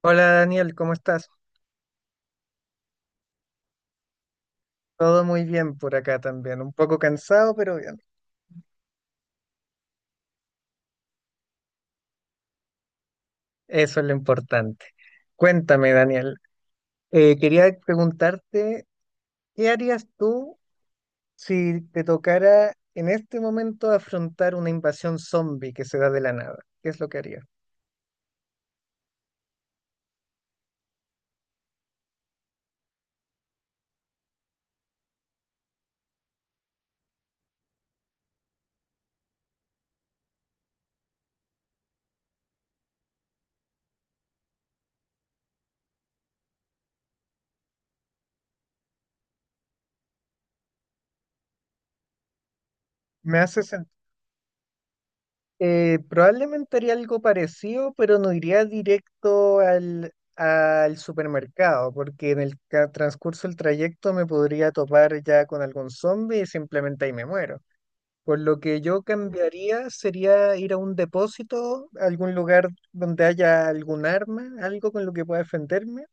Hola Daniel, ¿cómo estás? Todo muy bien por acá también, un poco cansado, pero bien. Eso es lo importante. Cuéntame, Daniel, quería preguntarte, ¿qué harías tú si te tocara en este momento afrontar una invasión zombie que se da de la nada? ¿Qué es lo que harías? Me haces Probablemente haría algo parecido, pero no iría directo al supermercado, porque en el transcurso del trayecto me podría topar ya con algún zombie y simplemente ahí me muero. Por lo que yo cambiaría sería ir a un depósito, a algún lugar donde haya algún arma, algo con lo que pueda defenderme.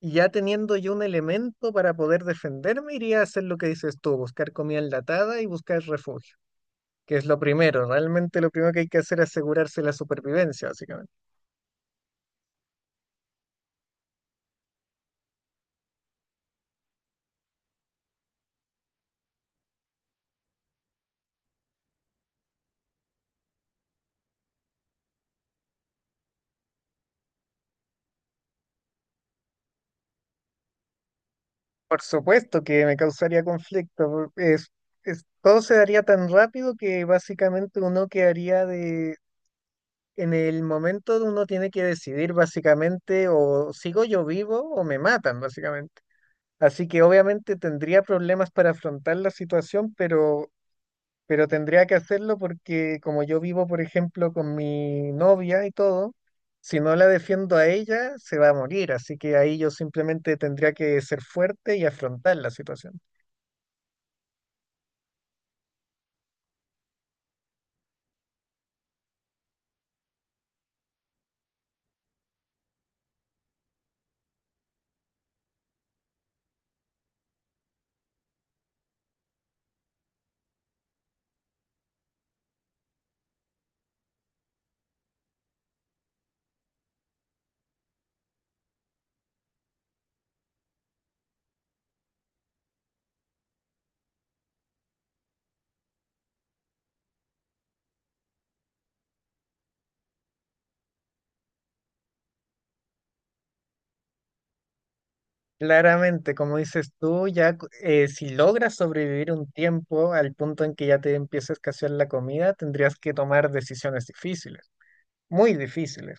Y ya teniendo yo un elemento para poder defenderme, iría a hacer lo que dices tú, buscar comida enlatada y buscar refugio, que es lo primero. Realmente lo primero que hay que hacer es asegurarse la supervivencia, básicamente. Por supuesto que me causaría conflicto. Todo se daría tan rápido que básicamente uno quedaría de... En el momento de uno tiene que decidir básicamente o sigo yo vivo o me matan, básicamente. Así que obviamente tendría problemas para afrontar la situación, pero tendría que hacerlo porque como yo vivo, por ejemplo, con mi novia y todo, si no la defiendo a ella, se va a morir, así que ahí yo simplemente tendría que ser fuerte y afrontar la situación. Claramente, como dices tú, si logras sobrevivir un tiempo al punto en que ya te empieza a escasear la comida, tendrías que tomar decisiones difíciles, muy difíciles.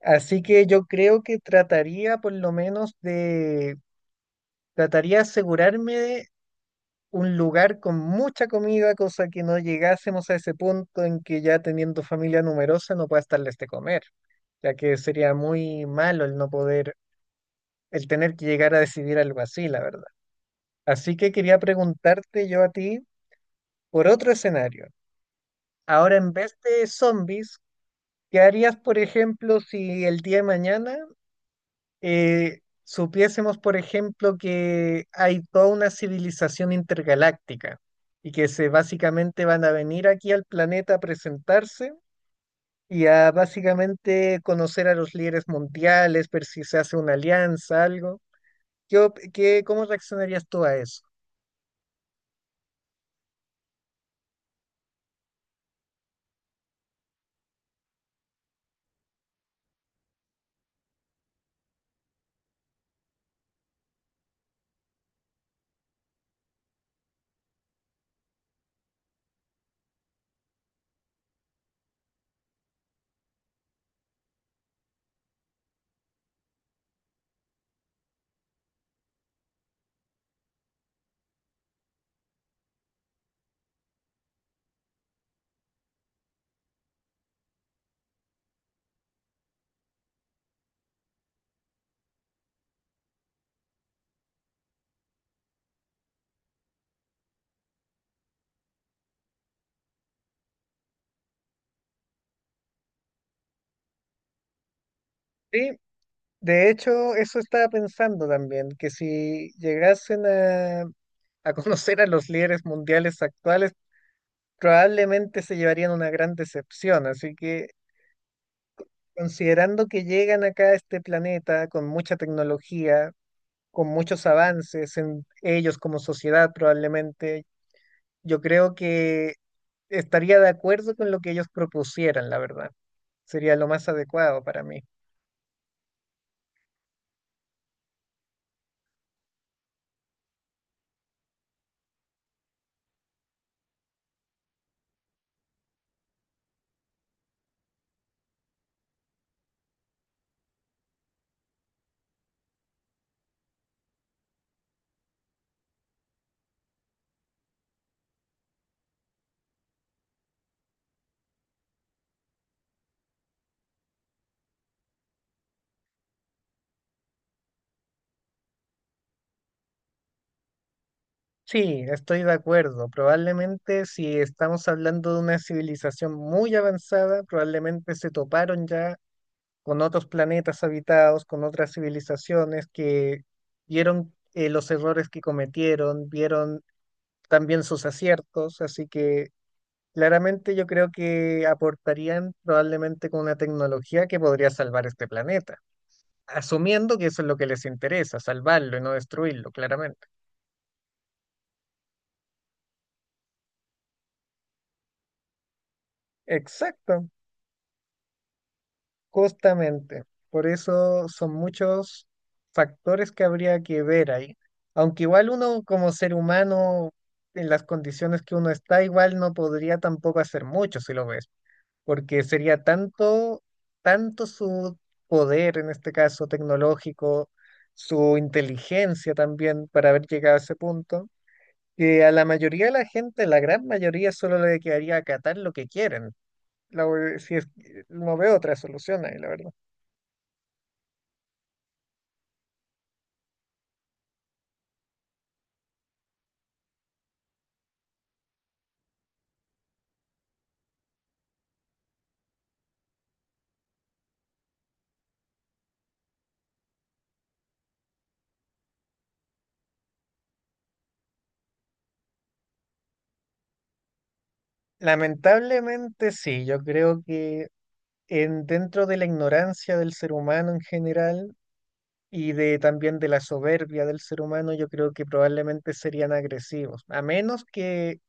Así que yo creo que trataría por lo menos de, trataría de asegurarme un lugar con mucha comida, cosa que no llegásemos a ese punto en que ya teniendo familia numerosa no puedas darles de comer, ya que sería muy malo el no poder, el tener que llegar a decidir algo así, la verdad. Así que quería preguntarte yo a ti por otro escenario. Ahora, en vez de zombies, ¿qué harías, por ejemplo, si el día de mañana supiésemos, por ejemplo, que hay toda una civilización intergaláctica y que se básicamente van a venir aquí al planeta a presentarse y a básicamente conocer a los líderes mundiales, ver si se hace una alianza, algo. ¿ Cómo reaccionarías tú a eso? Sí, de hecho, eso estaba pensando también, que si llegasen a conocer a los líderes mundiales actuales, probablemente se llevarían una gran decepción, así que... Considerando que llegan acá a este planeta con mucha tecnología, con muchos avances en ellos como sociedad probablemente, yo creo que estaría de acuerdo con lo que ellos propusieran, la verdad. Sería lo más adecuado para mí. Sí, estoy de acuerdo. Probablemente si estamos hablando de una civilización muy avanzada, probablemente se toparon ya con otros planetas habitados, con otras civilizaciones que vieron los errores que cometieron, vieron también sus aciertos, así que claramente yo creo que aportarían probablemente con una tecnología que podría salvar este planeta, asumiendo que eso es lo que les interesa, salvarlo y no destruirlo, claramente. Exacto, justamente. Por eso son muchos factores que habría que ver ahí. Aunque igual uno como ser humano, en las condiciones que uno está, igual no podría tampoco hacer mucho si lo ves, porque sería tanto, tanto su poder, en este caso tecnológico, su inteligencia también para haber llegado a ese punto, que a la mayoría de la gente, la gran mayoría, solo le quedaría acatar lo que quieren. La ve- si es- No veo otra solución ahí, la verdad. Lamentablemente sí, yo creo que dentro de la ignorancia del ser humano en general y de también de la soberbia del ser humano, yo creo que probablemente serían agresivos, a menos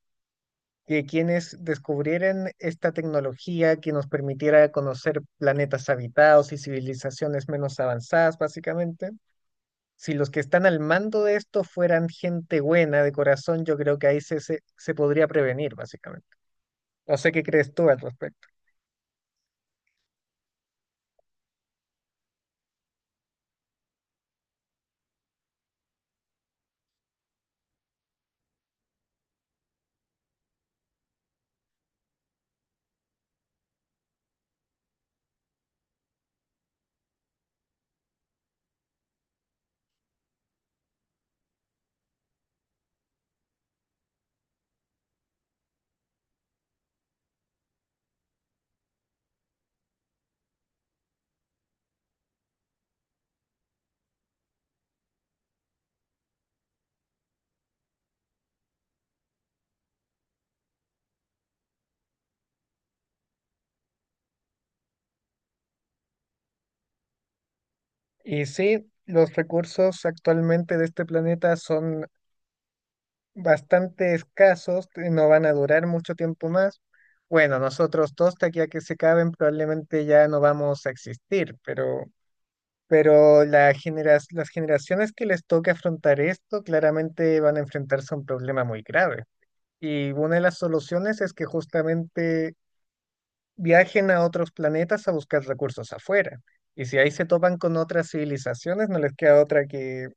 que quienes descubrieran esta tecnología que nos permitiera conocer planetas habitados y civilizaciones menos avanzadas, básicamente. Si los que están al mando de esto fueran gente buena de corazón, yo creo que ahí se podría prevenir, básicamente. No sé qué crees tú al respecto. Y sí, los recursos actualmente de este planeta son bastante escasos, no van a durar mucho tiempo más. Bueno, nosotros dos, de aquí a que se acaben, probablemente ya no vamos a existir, pero... Pero las generaciones que les toque afrontar esto claramente van a enfrentarse a un problema muy grave. Y una de las soluciones es que justamente viajen a otros planetas a buscar recursos afuera. Y si ahí se topan con otras civilizaciones, no les queda otra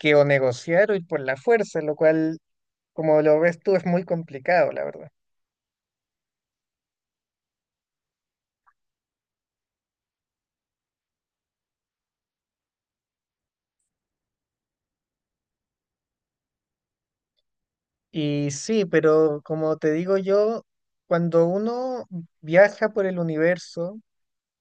que o negociar o ir por la fuerza, lo cual, como lo ves tú, es muy complicado, la verdad. Y sí, pero como te digo yo, cuando uno viaja por el universo,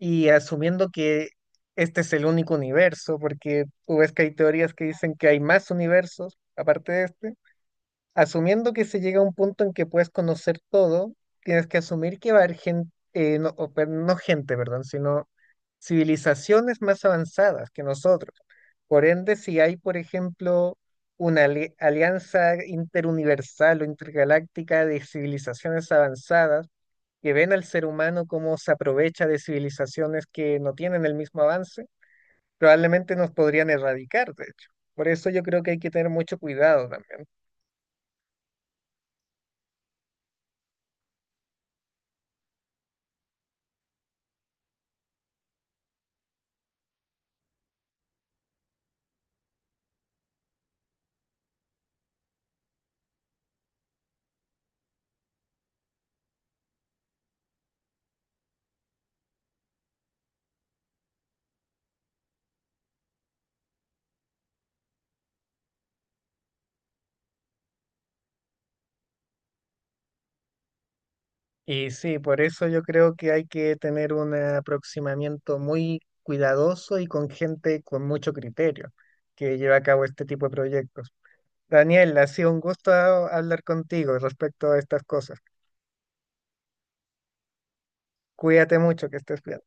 y asumiendo que este es el único universo, porque tú ves que hay teorías que dicen que hay más universos aparte de este, asumiendo que se llega a un punto en que puedes conocer todo, tienes que asumir que va a haber gente, no, no gente, perdón, sino civilizaciones más avanzadas que nosotros. Por ende, si hay, por ejemplo, una alianza interuniversal o intergaláctica de civilizaciones avanzadas, que ven al ser humano cómo se aprovecha de civilizaciones que no tienen el mismo avance, probablemente nos podrían erradicar, de hecho. Por eso yo creo que hay que tener mucho cuidado también. Y sí, por eso yo creo que hay que tener un aproximamiento muy cuidadoso y con gente con mucho criterio que lleva a cabo este tipo de proyectos. Daniel, ha sido un gusto hablar contigo respecto a estas cosas. Cuídate mucho, que estés bien.